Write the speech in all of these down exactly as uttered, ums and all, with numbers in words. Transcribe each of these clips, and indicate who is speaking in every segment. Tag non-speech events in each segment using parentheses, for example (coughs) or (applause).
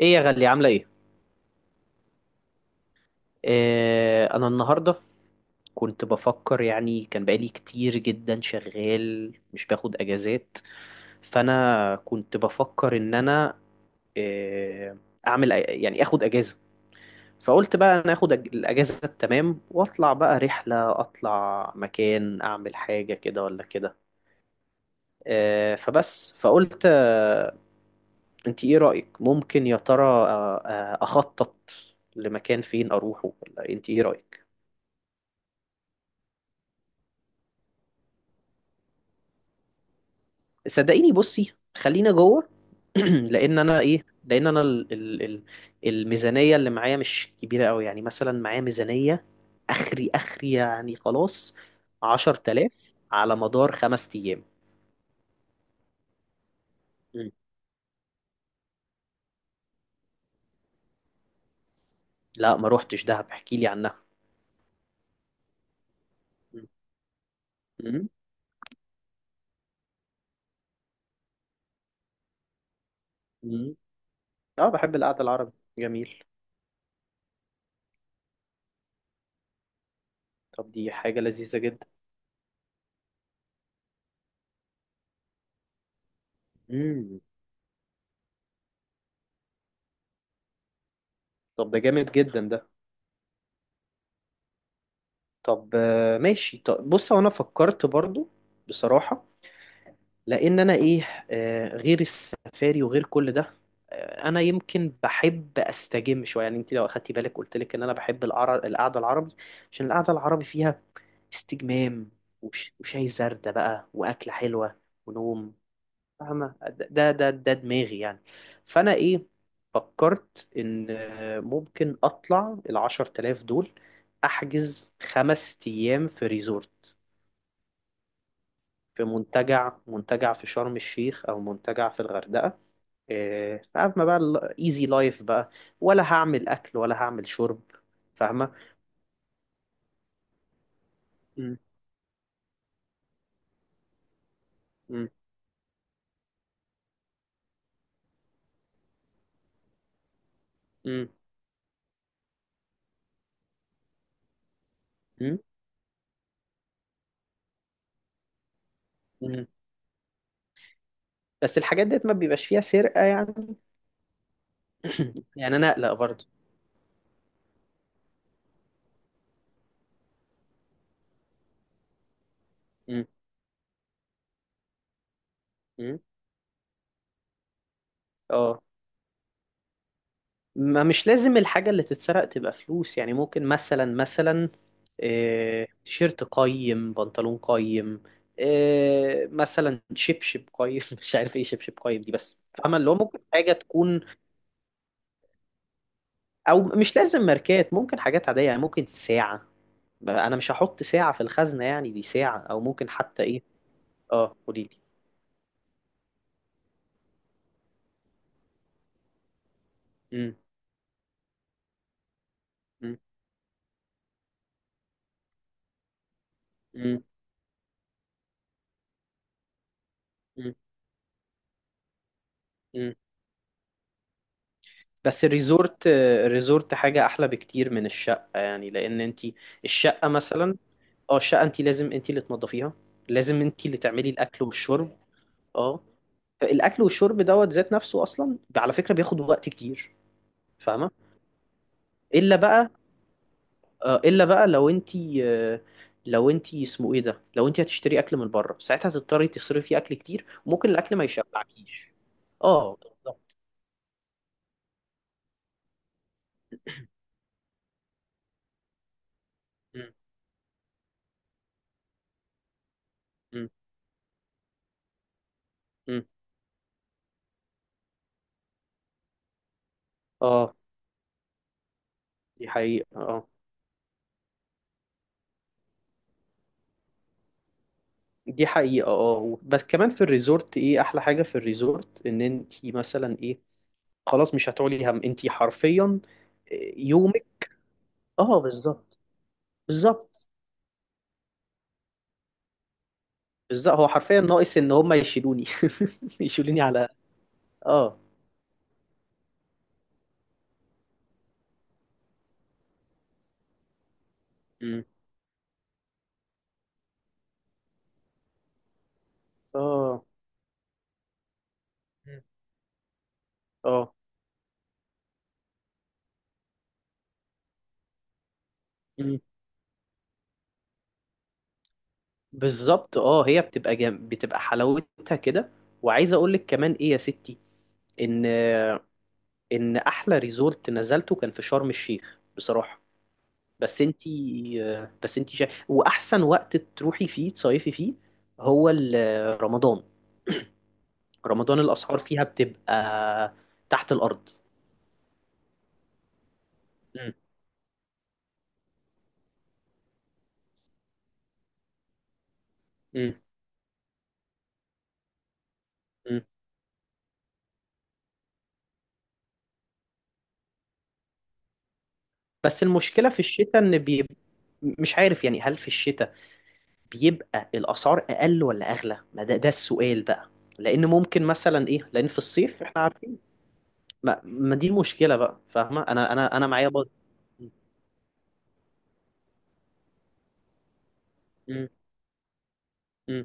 Speaker 1: ايه يا غالية، عاملة ايه؟ آه انا النهاردة كنت بفكر. يعني كان بقالي كتير جدا شغال مش باخد اجازات، فانا كنت بفكر ان انا آه اعمل أ- يعني اخد اجازة. فقلت بقى انا اخد أج- الاجازة التمام واطلع بقى رحلة، اطلع مكان، اعمل حاجة كده ولا كده. آه فبس فقلت آه انت ايه رأيك؟ ممكن يا ترى، آه آه، اخطط لمكان فين اروحه؟ ولا انت ايه رأيك؟ صدقيني بصي، خلينا جوه. (clears throat) لان انا ايه لان انا ال ال ال الميزانيه اللي معايا مش كبيره قوي. يعني مثلا معايا ميزانيه اخري اخري يعني، خلاص، عشر تلاف على مدار خمس ايام. مم. لا، ما روحتش دهب، احكي لي عنها. مم. مم. مم. اه، بحب القعده العربي، جميل. طب دي حاجه لذيذه جدا. مم. طب ده جامد جدا ده. طب آه، ماشي. طب بص، هو انا فكرت برضو بصراحه، لان انا ايه، آه، غير السفاري وغير كل ده، آه، انا يمكن بحب استجم شويه. يعني انت لو اخدتي بالك، قلت لك ان انا بحب القعر- القعده العربي، عشان القعده العربي فيها استجمام وش- وشاي زردة بقى، واكله حلوه، ونوم. فاهمه؟ ده ده ده دماغي يعني. فانا ايه، فكرت ان آه، ممكن اطلع العشر تلاف دول، احجز خمس ايام في ريزورت، في منتجع منتجع في شرم الشيخ، او منتجع في الغردقه. إيه، فاهمة بقى، الايزي لايف بقى، ولا هعمل اكل ولا هعمل شرب. فاهمة؟ مم. مم. مم. مم. مم. بس الحاجات ديت ما بيبقاش فيها سرقة يعني. (coughs) (clears throat) يعني انا اقلق برضه. مم. مم. اه. ما مش لازم الحاجة اللي تتسرق تبقى فلوس. يعني ممكن، مثلا مثلا، إيه، تيشيرت قيم، بنطلون قيم، إيه، مثلا شبشب قيم (laughs) مش عارف ايه شبشب قيم دي، بس فاهمة اللي هو ممكن حاجة تكون، او مش لازم ماركات، ممكن حاجات عاديه. يعني ممكن ساعه. انا مش هحط ساعه في الخزنه. يعني دي ساعه، او ممكن حتى ايه. اه، قولي لي. أم، أم، أم، أم، أم. بس الريزورت، الريزورت حاجه احلى بكتير من الشقه. يعني لان انت الشقه مثلا، اه الشقه انت لازم انت اللي تنظفيها، لازم انت اللي تعملي الاكل والشرب. اه. الاكل والشرب دوت ذات نفسه اصلا على فكره بياخد وقت كتير. فاهمه؟ الا بقى، آه، الا بقى لو انتي، آه، لو انتي اسمه ايه ده، لو انتي هتشتري اكل من بره، ساعتها هتضطري تصرفي فيه اكل كتير وممكن الاكل ما يشبعكيش. اه بالظبط. مم، مم، مم. اه دي حقيقة اه. دي حقيقة اه. بس كمان في الريزورت ايه احلى حاجة في الريزورت، ان انتي مثلا ايه، خلاص مش هتعولي هم، انتي حرفيا آه، يومك. اه بالظبط. بالظبط. بالظبط، هو حرفيا ناقص ان هما يشيلوني (laughs) يشيلوني على. اه. مم. اه. مم. اه بالظبط. اه، هي بتبقى جم... بتبقى حلاوتها كده. وعايز اقول لك كمان ايه يا ستي، ان ان احلى ريزورت نزلته كان في شرم الشيخ بصراحة. بس انتي، بس انتي شا... واحسن وقت تروحي فيه تصيفي فيه هو ال- رمضان. رمضان الاسعار فيها بتبقى تحت الارض. مم. مم. مم. بس المشكلة في الشتاء ان بي... مش عارف يعني، هل في الشتاء بيبقى الاسعار اقل ولا اغلى؟ ما ده ده السؤال بقى. لان ممكن مثلا ايه، لان في الصيف احنا عارفين. ما, ما دي المشكله بقى. فاهمه، انا انا انا معايا بط... م- م-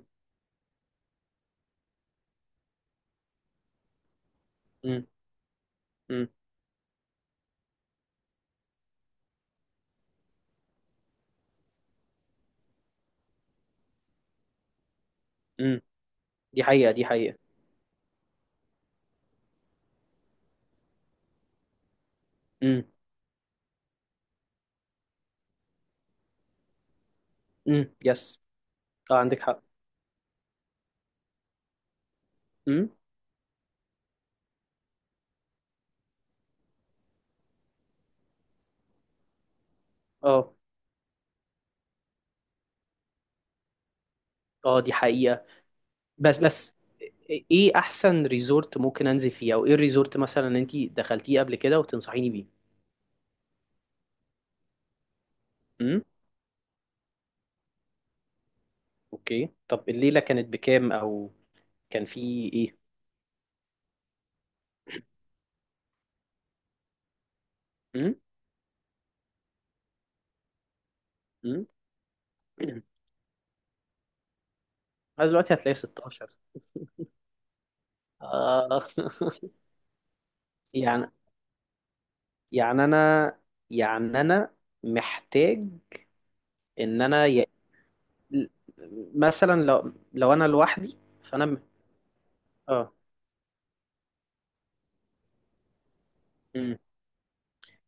Speaker 1: م- م- م- دي حقيقه، دي حقيقه. م- م- يس. اه عندك حق. م- اه. اه دي حقيقه. بس بس، ايه احسن ريزورت ممكن انزل فيه؟ او ايه الريزورت مثلا انت دخلتيه قبل كده وتنصحيني بيه؟ امم. اوكي. طب الليله كانت بكام؟ او كان في ايه؟ امم. إمم. أنا دلوقتي هتلاقيه ستة عشر. آه. (laughs) يعني، يعني انا يعني انا محتاج ان انا ي... مثلا لو، لو انا لوحدي، فانا م-، اه. مم.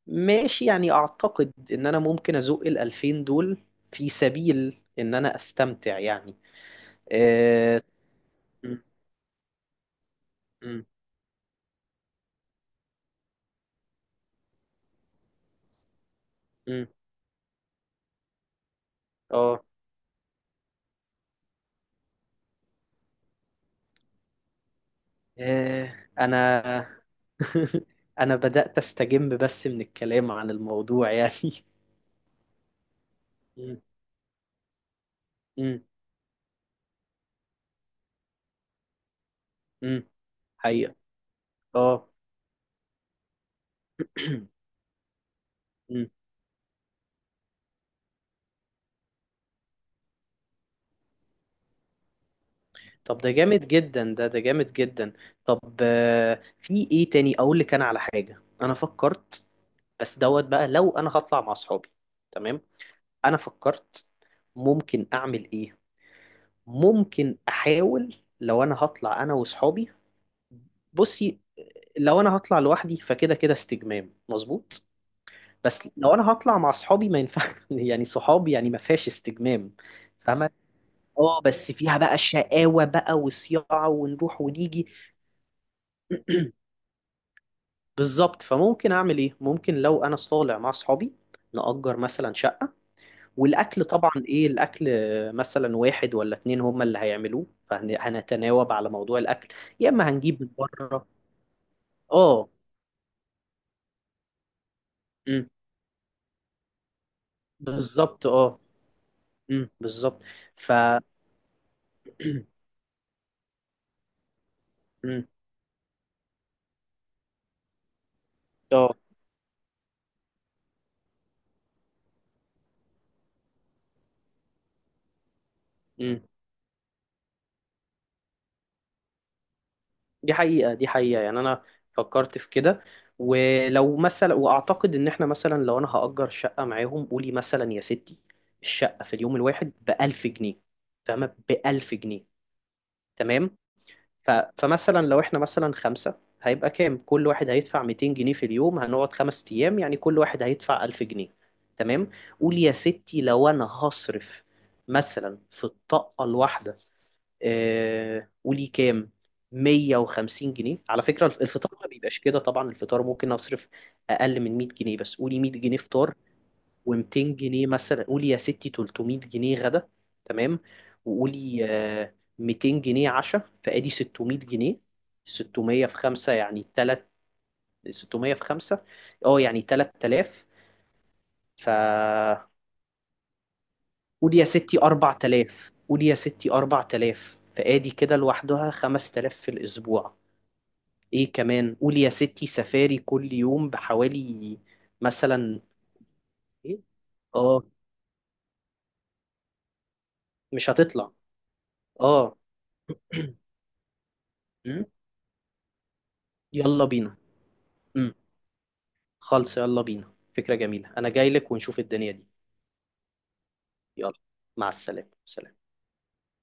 Speaker 1: ماشي. يعني اعتقد ان انا ممكن ازق ال ألفين دول في سبيل ان انا استمتع يعني. آه... مم. مم. مم. اه. آه، انا (laughs) انا بدأت استجم بس من الكلام عن الموضوع يعني. مم. مم. مم. حقيقة، اه. (clears throat) مم. طب ده جامد جدا ده، ده جامد جدا. طب آه، في ايه تاني اقول لك، انا على حاجة انا فكرت، بس دوت بقى، لو انا هطلع مع اصحابي. تمام. انا فكرت ممكن اعمل ايه، ممكن احاول لو انا هطلع انا واصحابي. بصي، لو انا هطلع لوحدي، فكده كده استجمام مظبوط. بس لو انا هطلع مع اصحابي ما ينفع (laughs) يعني صحابي يعني ما فيهاش استجمام. فاهمة؟ اه، بس فيها بقى شقاوة بقى وصياعة، ونروح ونيجي. بالظبط. فممكن اعمل ايه؟ ممكن لو انا طالع مع اصحابي، نأجر مثلا شقة. والاكل، طبعا ايه الاكل، مثلا واحد ولا اتنين هما اللي هيعملوه، فهنتناوب على موضوع الاكل، يا اما هنجيب من بره. اه. أمم، بالظبط اه. أمم، بالظبط. ف، أمم، اه. أمم. دي حقيقة، دي حقيقة يعني. أنا فكرت في كده. ولو مثلا، وأعتقد إن إحنا مثلا لو أنا هأجر شقة معاهم، قولي مثلا يا ستي الشقة في اليوم الواحد بألف جنيه. فاهمة؟ بألف جنيه. تمام. ف... فمثلا لو احنا مثلا خمسة، هيبقى كام؟ كل واحد هيدفع ميتين جنيه في اليوم، هنقعد خمس ايام، يعني كل واحد هيدفع ألف جنيه. تمام. قول يا ستي، لو انا هصرف مثلا في الطاقة الواحدة، آه، قولي كام، مية وخمسين جنيه. على فكرة الف- الفطار ما بيبقاش كده طبعا، الفطار ممكن اصرف اقل من مية جنيه، بس قولي مية جنيه فطار، و200 جنيه مثلا، قولي يا ستي تلتمية جنيه غدا. تمام. وقولي آه، مئتين جنيه عشاء. فادي ستمائة جنيه. ستمية في خمسة يعني ثلاثة، ستمية في خمسة اه يعني تلات آلاف. ف قولي يا ستي أربعة آلاف، قولي يا ستي أربعة آلاف فادي كده لوحدها. خمس آلاف في الاسبوع. ايه كمان، قولي يا ستي سفاري كل يوم بحوالي مثلا، ايه. اه، مش هتطلع. اه. (clears throat) م؟ يلا بينا. امم، خالص، يلا بينا، فكرة جميلة، انا جاي لك، ونشوف الدنيا دي. يلا. مع السلامة، سلام.